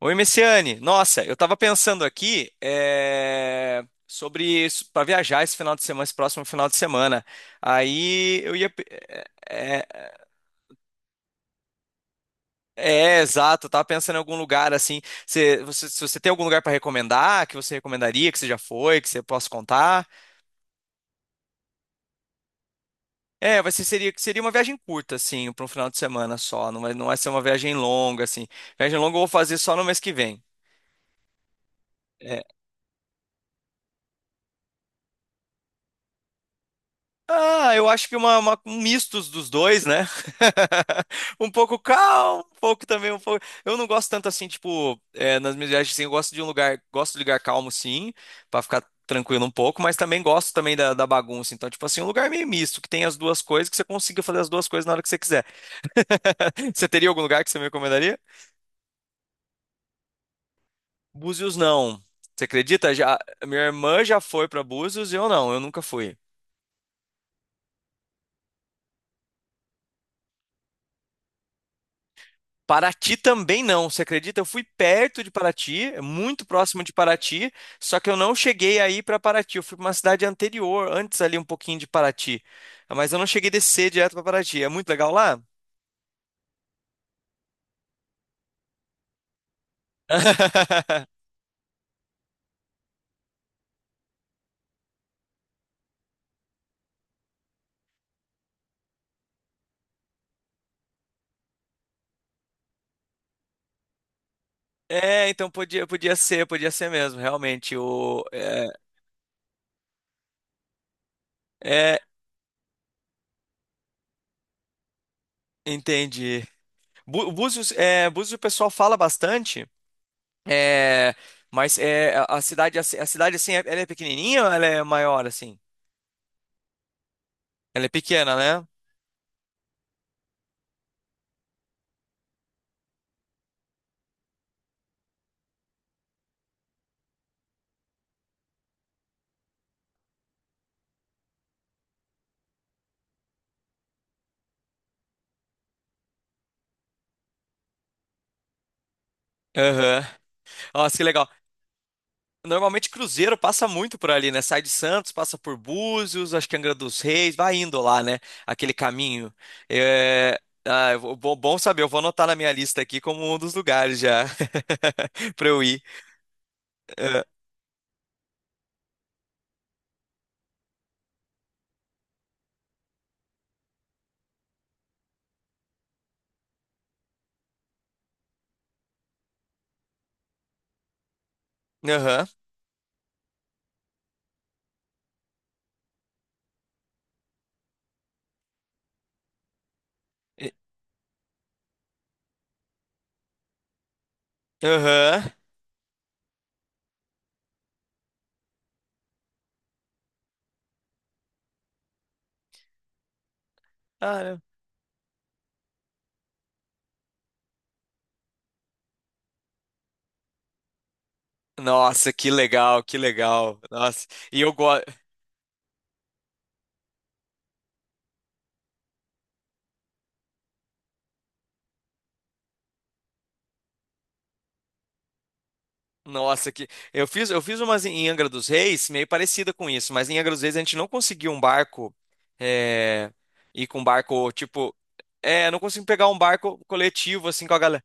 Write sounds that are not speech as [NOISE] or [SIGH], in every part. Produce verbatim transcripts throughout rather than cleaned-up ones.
Oi, Messiane. Nossa, eu tava pensando aqui é, sobre para viajar esse final de semana, esse próximo final de semana. Aí eu ia. pe- É, é, é, exato, eu tava pensando em algum lugar assim. Você, você, se você tem algum lugar para recomendar, que você recomendaria, que você já foi, que você possa contar. É, vai ser, seria, seria uma viagem curta, assim, para um final de semana só. Não vai, não vai ser uma viagem longa, assim. Viagem longa eu vou fazer só no mês que vem. É, ah, eu acho que uma, uma- um misto dos dois, né? [LAUGHS] Um pouco calmo, um pouco também, um pouco. Eu não gosto tanto assim, tipo, é, nas minhas viagens, assim, eu gosto de um lugar, gosto de lugar calmo, sim, pra ficar tranquilo um pouco, mas também gosto também da, da bagunça. Então, tipo assim, um lugar meio misto, que tem as duas coisas, que você consiga fazer as duas coisas na hora que você quiser. [LAUGHS] Você teria algum lugar que você me recomendaria? Búzios, não. Você acredita? Já, minha irmã já foi pra Búzios e eu não, eu nunca fui. Paraty também não, você acredita? Eu fui perto de Paraty, muito próximo de Paraty, só que eu não cheguei aí para Paraty. Eu fui para uma cidade anterior, antes ali um pouquinho de Paraty, mas eu não cheguei a descer direto para Paraty. É muito legal lá? [LAUGHS] É, então podia, podia ser, podia ser mesmo, realmente. O, é, é, Entendi. Bu- Búzios, é, Búzios o pessoal fala bastante, é, mas é, a a cidade, a ci- a cidade assim, é- ela é pequenininha ou ela é maior assim? Ela é pequena, né? Aham. Nossa, que legal. Normalmente cruzeiro passa muito por ali, né? Sai de Santos, passa por Búzios, acho que Angra dos Reis, vai indo lá, né? Aquele caminho. É... Ah, eu vou- bom bom saber, eu vou anotar na minha lista aqui como um dos lugares já [LAUGHS] pra eu ir. Ah, aham. E- Aham. Ah, é. Nossa, que legal, que legal. Nossa, e eu gosto. Nossa, que eu fiz, eu fiz umas em Angra dos Reis, meio parecida com isso, mas em Angra dos Reis a gente não conseguiu um barco, é, ir com um barco, tipo, é, não conseguimos pegar um barco coletivo, assim, com a galera.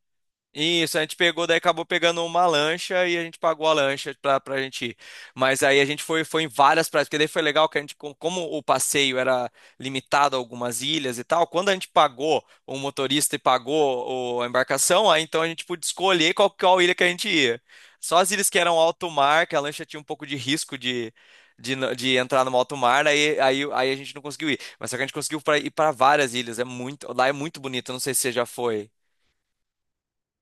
Isso, a gente pegou, daí acabou pegando uma lancha e a gente pagou a lancha pra, pra gente ir. Mas aí a gente foi, foi em várias praias, porque daí foi legal que a gente, com- como o passeio era limitado a algumas ilhas e tal, quando a gente pagou o motorista e pagou o- a embarcação, aí então a gente pôde escolher qual, qual ilha que a gente ia. Só as ilhas que eram alto mar, que a lancha tinha um pouco de risco de, de, n- de entrar no alto mar, aí, aí, aí a gente não conseguiu ir. Mas só que a gente conseguiu pra, ir para várias ilhas, é muito, lá é muito bonito, eu não sei se você já foi.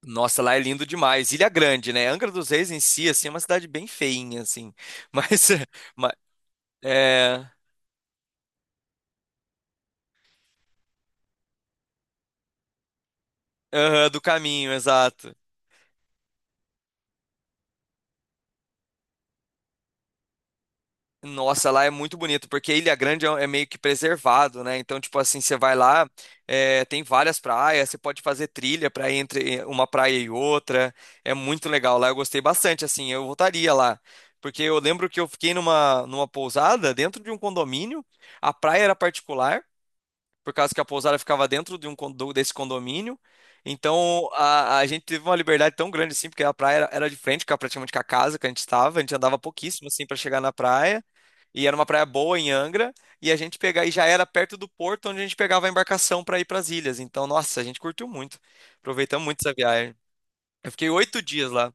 Nossa, lá é lindo demais. Ilha Grande, né? Angra dos Reis em si, assim, é uma cidade bem feinha, assim. Mas, [LAUGHS] ma- é, aham, do caminho, exato. Nossa, lá é muito bonito, porque Ilha Grande é é meio que preservado, né? Então, tipo assim, você vai lá, é, tem várias praias, você pode fazer trilha para entre eh, uma praia e outra. É muito legal lá, eu gostei bastante, assim, eu voltaria lá. Porque eu lembro que eu fiquei numa, numa pousada dentro de um condomínio, a praia era particular, por causa que a pousada ficava dentro de um condo- desse condomínio. Então a, a gente teve uma liberdade tão grande assim, porque a praia era, era de frente, com a- praticamente com a casa que a gente estava, a gente andava pouquíssimo assim para chegar na praia. E era uma praia boa em Angra, e a gente pegava e já era perto do porto onde a gente pegava a embarcação para ir para as ilhas. Então, nossa, a gente curtiu muito. Aproveitamos muito essa viagem. Eu fiquei oito dias lá.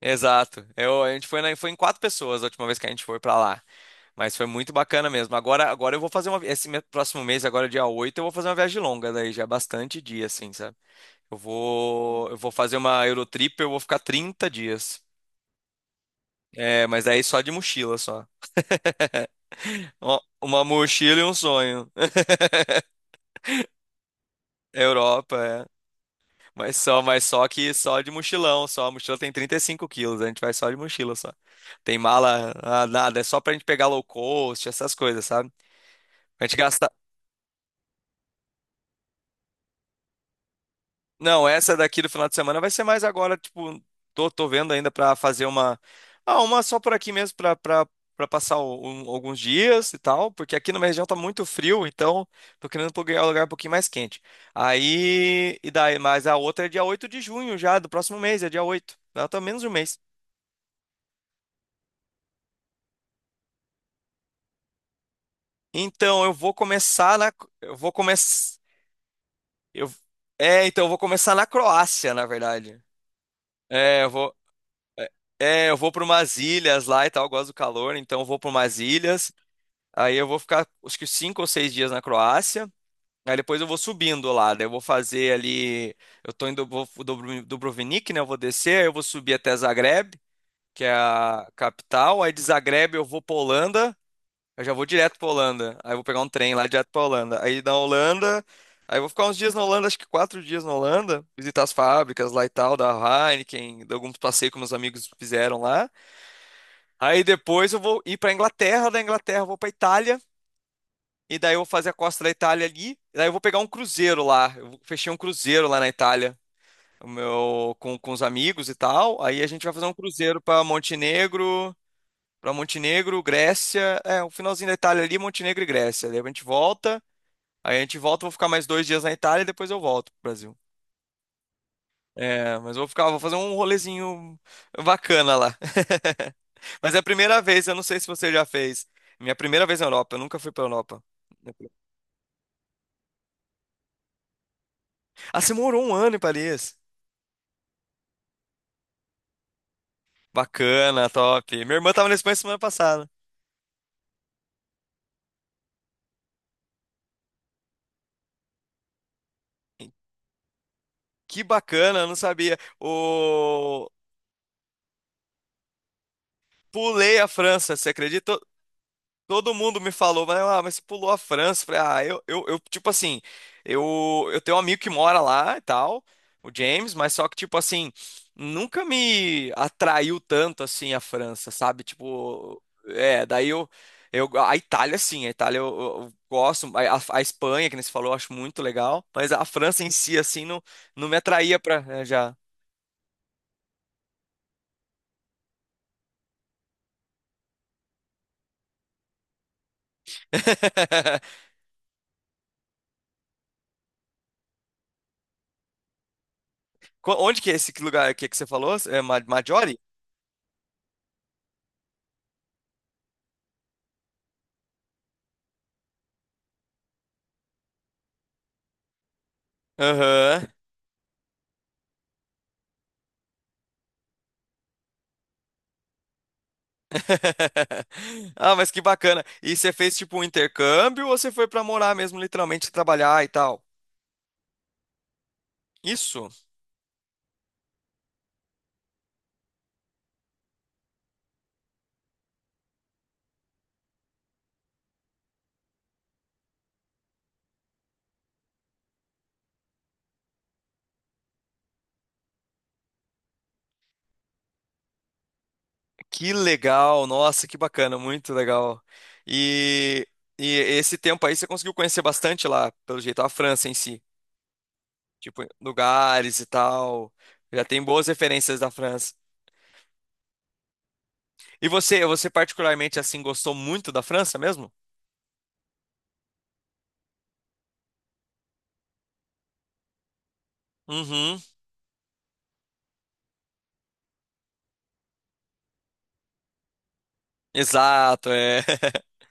Exato. Eu, a gente foi, na- foi em quatro pessoas a última vez que a gente foi para lá. Mas foi muito bacana mesmo. Agora, agora eu vou fazer uma. Esse me- próximo mês, agora dia oito eu vou fazer uma viagem longa, daí já é bastante dia, assim, sabe? Eu vou, eu vou fazer uma Eurotrip, eu vou ficar trinta dias. É, mas daí só de mochila, só. [LAUGHS] Ó, uma mochila e um sonho. [LAUGHS] Europa, é. Mas só, mas só que só de mochilão, só. A mochila tem trinta e cinco quilos, a gente vai só de mochila, só. Tem mala, ah, nada, é só pra gente pegar low cost, essas coisas, sabe? A gente gasta. Não, essa daqui do final de semana vai ser mais agora, tipo, tô, tô vendo ainda pra fazer uma, ah, uma só por aqui mesmo pra para para passar o- um- alguns dias e tal, porque aqui na minha região tá muito frio, então tô querendo pegar um lugar um pouquinho mais quente. Aí, e daí, mas a outra é dia oito de junho já, do próximo mês, é dia oito. Ela tá menos de um mês. Então, eu vou começar na eu vou começar eu é, então eu vou começar na Croácia, na verdade. É, eu vou. É, eu vou para umas ilhas lá e tal, eu gosto do calor, então eu vou para umas ilhas. Aí eu vou ficar acho que cinco ou seis dias na Croácia. Aí depois eu vou subindo lá, daí eu vou fazer ali. Eu tô em Dubro- Dubro- Dubrovnik, né? Eu vou descer, aí eu vou subir até Zagreb, que é a capital. Aí de Zagreb eu vou pra Holanda, eu já vou direto pra Holanda. Aí eu vou pegar um trem lá direto pra Holanda. Aí na Holanda, aí eu vou ficar uns dias na Holanda, acho que quatro dias na Holanda, visitar as fábricas lá e tal, da Heineken, de alguns passeios que meus amigos fizeram lá. Aí depois eu vou ir pra Inglaterra, da Inglaterra eu vou pra Itália, e daí eu vou fazer a costa da Itália ali, e daí eu vou pegar um cruzeiro lá. Eu fechei um cruzeiro lá na Itália, o meu com, com os amigos e tal. Aí a gente vai fazer um cruzeiro pra Montenegro, para Montenegro, Grécia, é, o finalzinho da Itália ali, Montenegro e Grécia. Daí a gente volta, aí A gente volta, eu vou ficar mais dois dias na Itália e depois eu volto pro Brasil. É, mas eu vou ficar, vou fazer um rolezinho bacana lá. [LAUGHS] Mas é a primeira vez, eu não sei se você já fez. Minha primeira vez na Europa, eu nunca fui pra Europa. Ah, você morou um ano em Paris? Bacana, top. Minha irmã tava na Espanha semana passada. Que bacana, eu não sabia. O... Pulei a França, você acredita? Todo mundo me falou, mas, ah, mas você pulou a França. Falei, ah, eu, eu, eu, tipo assim, eu, eu tenho um amigo que mora lá e tal, o James, mas só que, tipo assim, nunca me atraiu tanto assim a França, sabe? Tipo, é, daí eu, eu, a Itália, sim, a Itália eu, eu- eu gosto, a, a- a Espanha, que nem você falou, eu acho muito legal, mas a França em si, assim, não, não me atraía pra, é, já. [LAUGHS] Co- Onde que é esse lugar aqui que você falou? É Ma- Maggiore? Aham. [LAUGHS] Ah, mas que bacana. E você fez tipo um intercâmbio ou você foi pra morar mesmo, literalmente trabalhar e tal? Isso? Que legal. Nossa, que bacana, muito legal. E, e esse tempo aí você conseguiu conhecer bastante lá, pelo jeito, a França em si, tipo lugares e tal. Já tem boas referências da França. E você, você particularmente assim gostou muito da França mesmo? Uhum. Exato, é. [LAUGHS]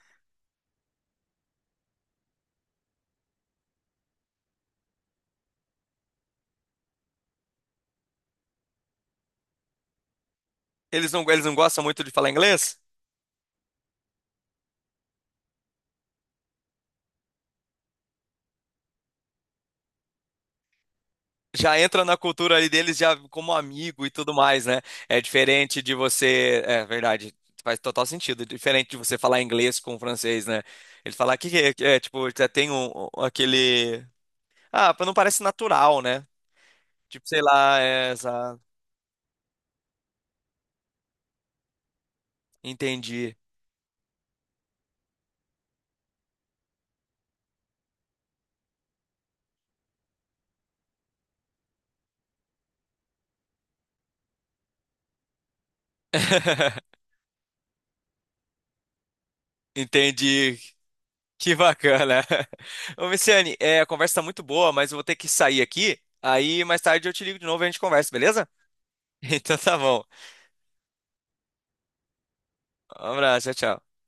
Eles não, eles não gostam muito de falar inglês? Já entra na cultura ali deles já como amigo e tudo mais, né? É diferente de você, é verdade, faz total sentido. É diferente de você falar inglês com o francês, né? Ele falar que que é, é, tipo, já tem um, um- aquele ah, não parece natural, né? Tipo, sei lá, é, essa... entendi. [LAUGHS] Entendi. Que bacana. [LAUGHS] Ô, Messiane, é, a conversa tá muito boa, mas eu vou ter que sair aqui. Aí mais tarde eu te ligo de novo e a gente conversa, beleza? [LAUGHS] Então tá bom. Um abraço, tchau, tchau.